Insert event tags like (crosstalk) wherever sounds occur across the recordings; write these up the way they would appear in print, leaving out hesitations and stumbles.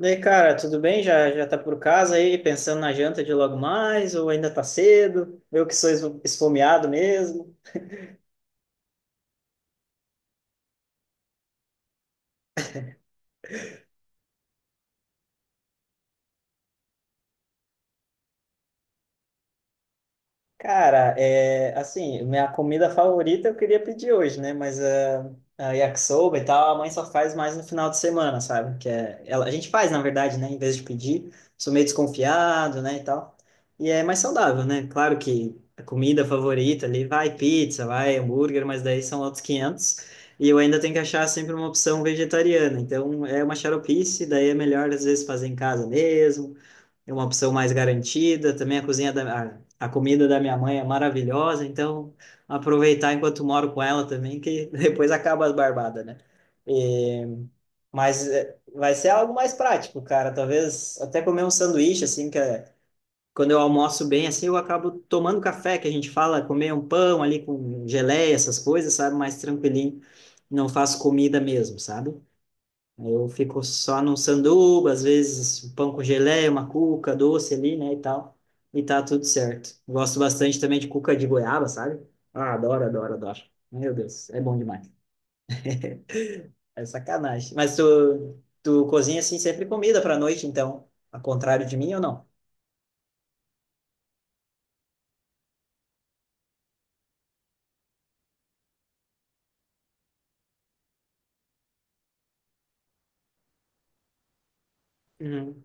E aí, cara, tudo bem? Já tá por casa aí, pensando na janta de logo mais, ou ainda tá cedo? Eu que sou es- Esfomeado mesmo. Cara, é, assim, minha comida favorita eu queria pedir hoje, né? A yakisoba e tal, a mãe só faz mais no final de semana, sabe? Que é, ela, a gente faz, na verdade, né? Em vez de pedir, sou meio desconfiado, né? E tal. E é mais saudável, né? Claro que a comida favorita ali vai pizza, vai hambúrguer, mas daí são outros 500. E eu ainda tenho que achar sempre uma opção vegetariana. Então é uma xaropice, daí é melhor às vezes fazer em casa mesmo, é uma opção mais garantida. Também a comida da minha mãe é maravilhosa, então aproveitar enquanto moro com ela também, que (laughs) depois acaba as barbadas, né? E, Vai ser algo mais prático, cara. Talvez até comer um sanduíche, assim, quando eu almoço bem, assim, eu acabo tomando café, que a gente fala, comer um pão ali com geleia, essas coisas, sabe? Mais tranquilinho. Não faço comida mesmo, sabe? Aí eu fico só num sanduba, às vezes um pão com geleia, uma cuca doce ali, né, e tal. E tá tudo certo. Gosto bastante também de cuca de goiaba, sabe? Ah, adoro, adoro, adoro. Meu Deus, é bom demais. É sacanagem. Mas tu, tu cozinha assim sempre comida pra noite, então, ao contrário de mim ou não? Uhum.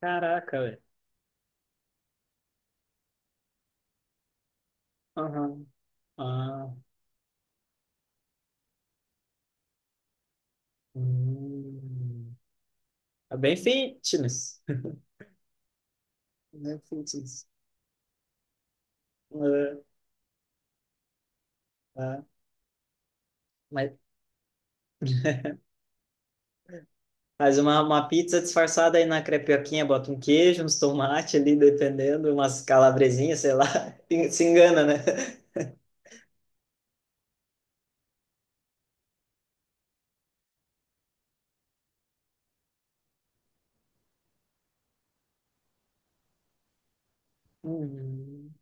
Caraca, velho. Aham. Ah, hum. É bem fitness. (laughs) Bem fitness. Ah, ah. Mas faz uma pizza disfarçada aí na crepioquinha, bota um queijo, uns tomate ali, dependendo, umas calabresinhas, sei lá. (laughs) Se engana, né? Uhum.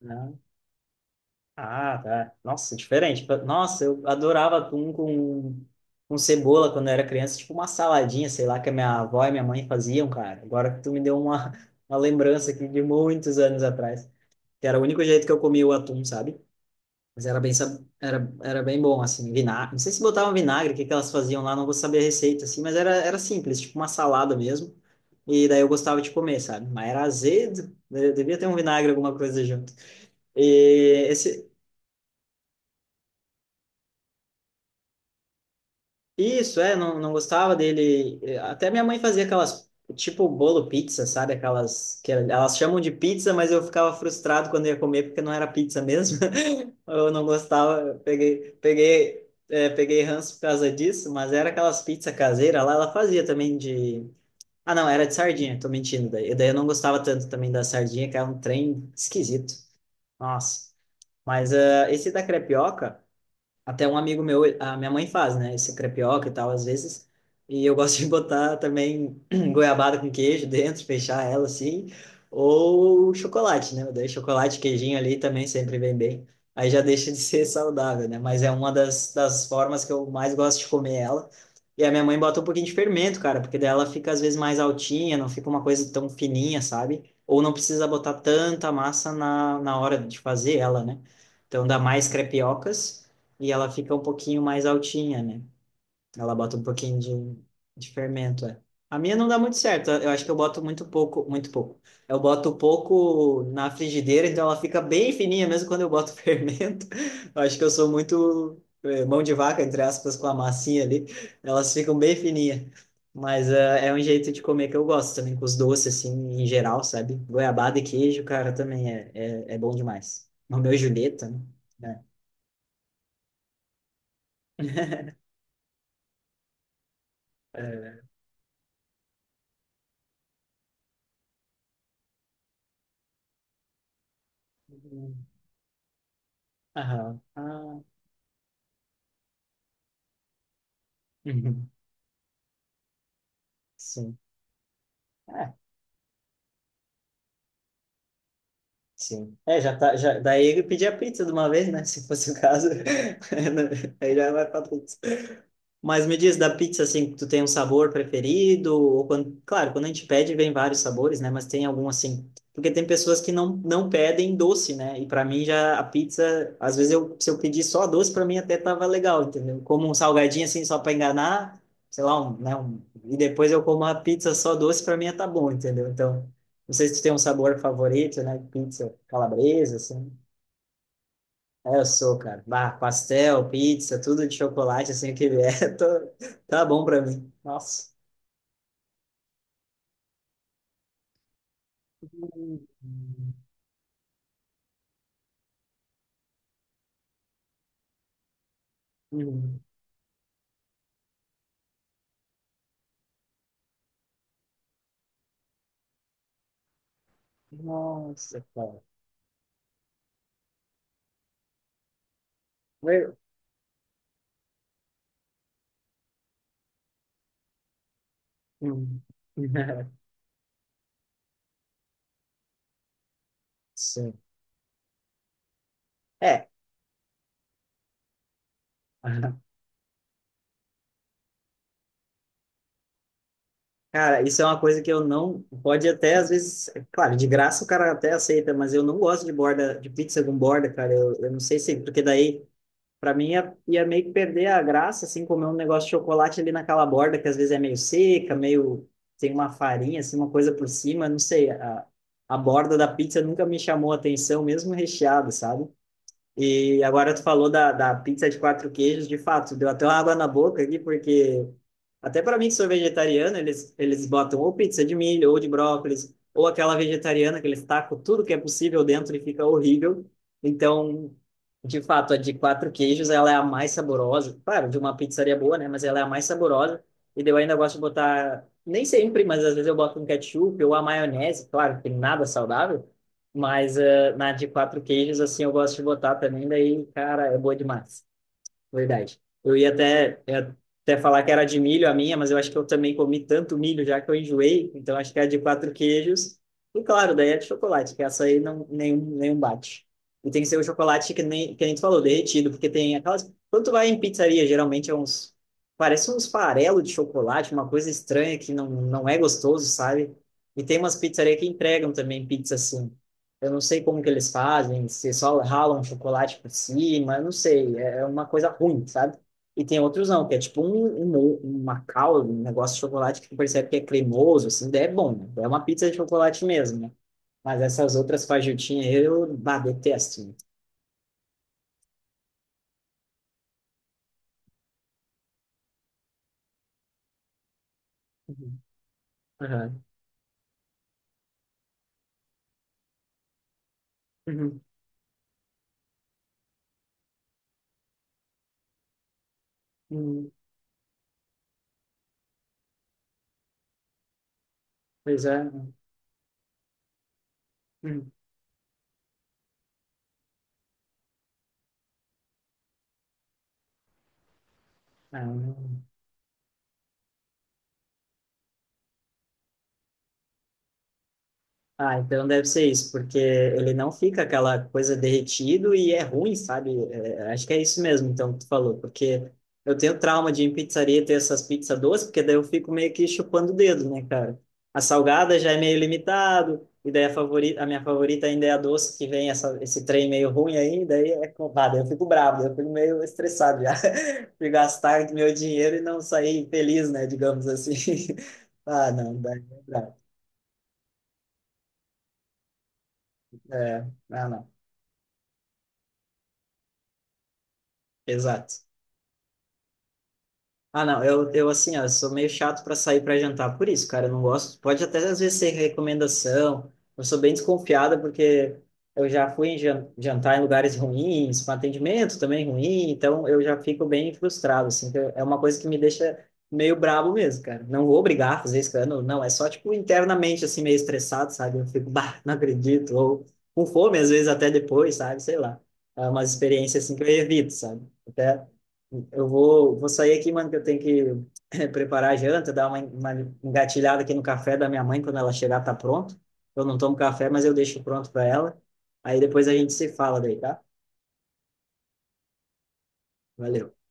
Não. Ah, tá. Nossa, diferente. Nossa, eu adorava atum com cebola quando eu era criança, tipo uma saladinha, sei lá, que a minha avó e minha mãe faziam, cara. Agora que tu me deu uma lembrança aqui de muitos anos atrás, que era o único jeito que eu comia o atum, sabe? Mas era bem, era bem bom, assim, vinagre. Não sei se botavam vinagre, o que que elas faziam lá, não vou saber a receita, assim, mas era, era simples, tipo uma salada mesmo. E daí eu gostava de comer, sabe? Mas era azedo, devia ter um vinagre, alguma coisa junto. E esse, isso, é, não, não gostava dele. Até minha mãe fazia aquelas, tipo bolo pizza, sabe? Aquelas que elas chamam de pizza, mas eu ficava frustrado quando ia comer porque não era pizza mesmo. (laughs) Eu não gostava, eu peguei, peguei, é, peguei ranço por causa disso, mas era aquelas pizzas caseiras lá, ela fazia também de. Ah, não, era de sardinha, tô mentindo daí. Daí eu não gostava tanto também da sardinha, que era um trem esquisito. Nossa. Mas ah, esse da crepioca. Até um amigo meu, a minha mãe faz, né? Esse crepioca e tal, às vezes. E eu gosto de botar também (clears throat) goiabada com queijo dentro, fechar ela assim. Ou chocolate, né? Daí chocolate, queijinho ali também sempre vem bem. Aí já deixa de ser saudável, né? Mas é uma das formas que eu mais gosto de comer ela. E a minha mãe bota um pouquinho de fermento, cara, porque daí ela fica às vezes mais altinha, não fica uma coisa tão fininha, sabe? Ou não precisa botar tanta massa na hora de fazer ela, né? Então dá mais crepiocas e ela fica um pouquinho mais altinha, né? Ela bota um pouquinho de fermento, é. A minha não dá muito certo. Eu acho que eu boto muito pouco. Eu boto pouco na frigideira, então ela fica bem fininha, mesmo quando eu boto fermento. (laughs) Eu acho que eu sou muito mão de vaca, entre aspas, com a massinha ali. Elas ficam bem fininhas. Mas é um jeito de comer que eu gosto também, com os doces, assim, em geral, sabe? Goiabada e queijo, cara, também é bom demais. Romeu e Julieta, né? É, é. Aham. Ah, uhum. Sim. É, sim. É, já tá, já, daí ele pedia pizza de uma vez, né? (laughs) Se fosse o caso, (laughs) aí já vai pra pizza. Mas me diz, da pizza, assim, tu tem um sabor preferido? Ou quando, claro, quando a gente pede, vem vários sabores, né? Mas tem algum, assim... Porque tem pessoas que não, não pedem doce, né? E para mim, já a pizza... Às vezes, eu, se eu pedir só doce, para mim até tava legal, entendeu? Como um salgadinho, assim, só para enganar, sei lá, um, né? Um, e depois eu como a pizza só doce, para mim tá bom, entendeu? Então... Não sei se tu tem um sabor favorito, né? Pizza calabresa, assim. É, eu sou, cara. Bah, pastel, pizza, tudo de chocolate, assim, que vier, (laughs) tá bom pra mim. Nossa. Hum, hum. Nossa, cara. Eu- hum. (laughs) Sim. É. (laughs) Cara, isso é uma coisa que eu não. Pode até, às vezes. É claro, de graça o cara até aceita, mas eu não gosto de borda, de pizza com borda, cara. Eu não sei se. Porque daí. Para mim ia meio que perder a graça, assim, comer um negócio de chocolate ali naquela borda, que às vezes é meio seca, meio. Tem uma farinha, assim, uma coisa por cima, não sei. A borda da pizza nunca me chamou a atenção, mesmo recheada, sabe? E agora tu falou da pizza de quatro queijos, de fato, deu até uma água na boca aqui, porque até para mim que sou vegetariano, eles botam ou pizza de milho, ou de brócolis, ou aquela vegetariana que eles tacam tudo que é possível dentro e fica horrível. Então, de fato, a de quatro queijos, ela é a mais saborosa. Claro, de uma pizzaria boa, né? Mas ela é a mais saborosa. E daí eu ainda gosto de botar, nem sempre, mas às vezes eu boto um ketchup ou a maionese, claro, que nada saudável. Mas na de quatro queijos, assim, eu gosto de botar também, daí, cara, é boa demais. Verdade. Eu ia até falar que era de milho a minha, mas eu acho que eu também comi tanto milho já que eu enjoei, então acho que é de quatro queijos. E claro, daí é de chocolate, que essa aí não, nenhum bate. E tem que ser o chocolate que nem tu falou, derretido, porque tem aquelas. Quando tu vai em pizzaria, geralmente é uns. Parece uns farelos de chocolate, uma coisa estranha que não é gostoso, sabe? E tem umas pizzarias que entregam também pizza assim. Eu não sei como que eles fazem, se só ralam chocolate por cima, eu não sei, é uma coisa ruim, sabe? E tem outros não, que é tipo um Macau, um negócio de chocolate que tu percebe que é cremoso, assim, daí é bom, né? É uma pizza de chocolate mesmo, né? Mas essas outras fajutinhas aí eu, bah, detesto, né? Uhum. Aham. Uhum. Uhum. Pois é. Uhum. Ah, não. Ah, então deve ser isso, porque ele não fica aquela coisa derretido e é ruim, sabe? É, acho que é isso mesmo, então, que tu falou, porque eu tenho trauma de ir em pizzaria ter essas pizzas doces, porque daí eu fico meio que chupando o dedo, né, cara? A salgada já é meio limitado, e daí a favorita, a minha favorita ainda é a doce, que vem essa, esse trem meio ruim aí, daí é, co- ah, daí eu fico bravo, daí eu fico meio estressado já, (laughs) de gastar meu dinheiro e não sair feliz, né, digamos assim. (laughs) Ah, não, daí é bravo. É, ah, não. Exato. Ah, não, eu assim, ó, eu sou meio chato para sair para jantar, por isso, cara, eu não gosto. Pode até às vezes ser recomendação. Eu sou bem desconfiada porque eu já fui em jantar em lugares ruins, com atendimento também ruim, então eu já fico bem frustrado, assim, que é uma coisa que me deixa meio brabo mesmo, cara. Não vou obrigar a fazer escândalo, não, é só tipo internamente assim meio estressado, sabe? Eu fico, (laughs) bah, não acredito, ou com fome às vezes até depois, sabe? Sei lá. É uma experiência assim que eu evito, sabe? Até eu vou, vou sair aqui, mano, que eu tenho que (laughs) (clears throat) preparar a janta, dar uma engatilhada aqui no café da minha mãe, quando ela chegar, tá pronto. Eu não tomo café, mas eu deixo pronto para ela. Aí depois a gente se fala daí, tá? Valeu.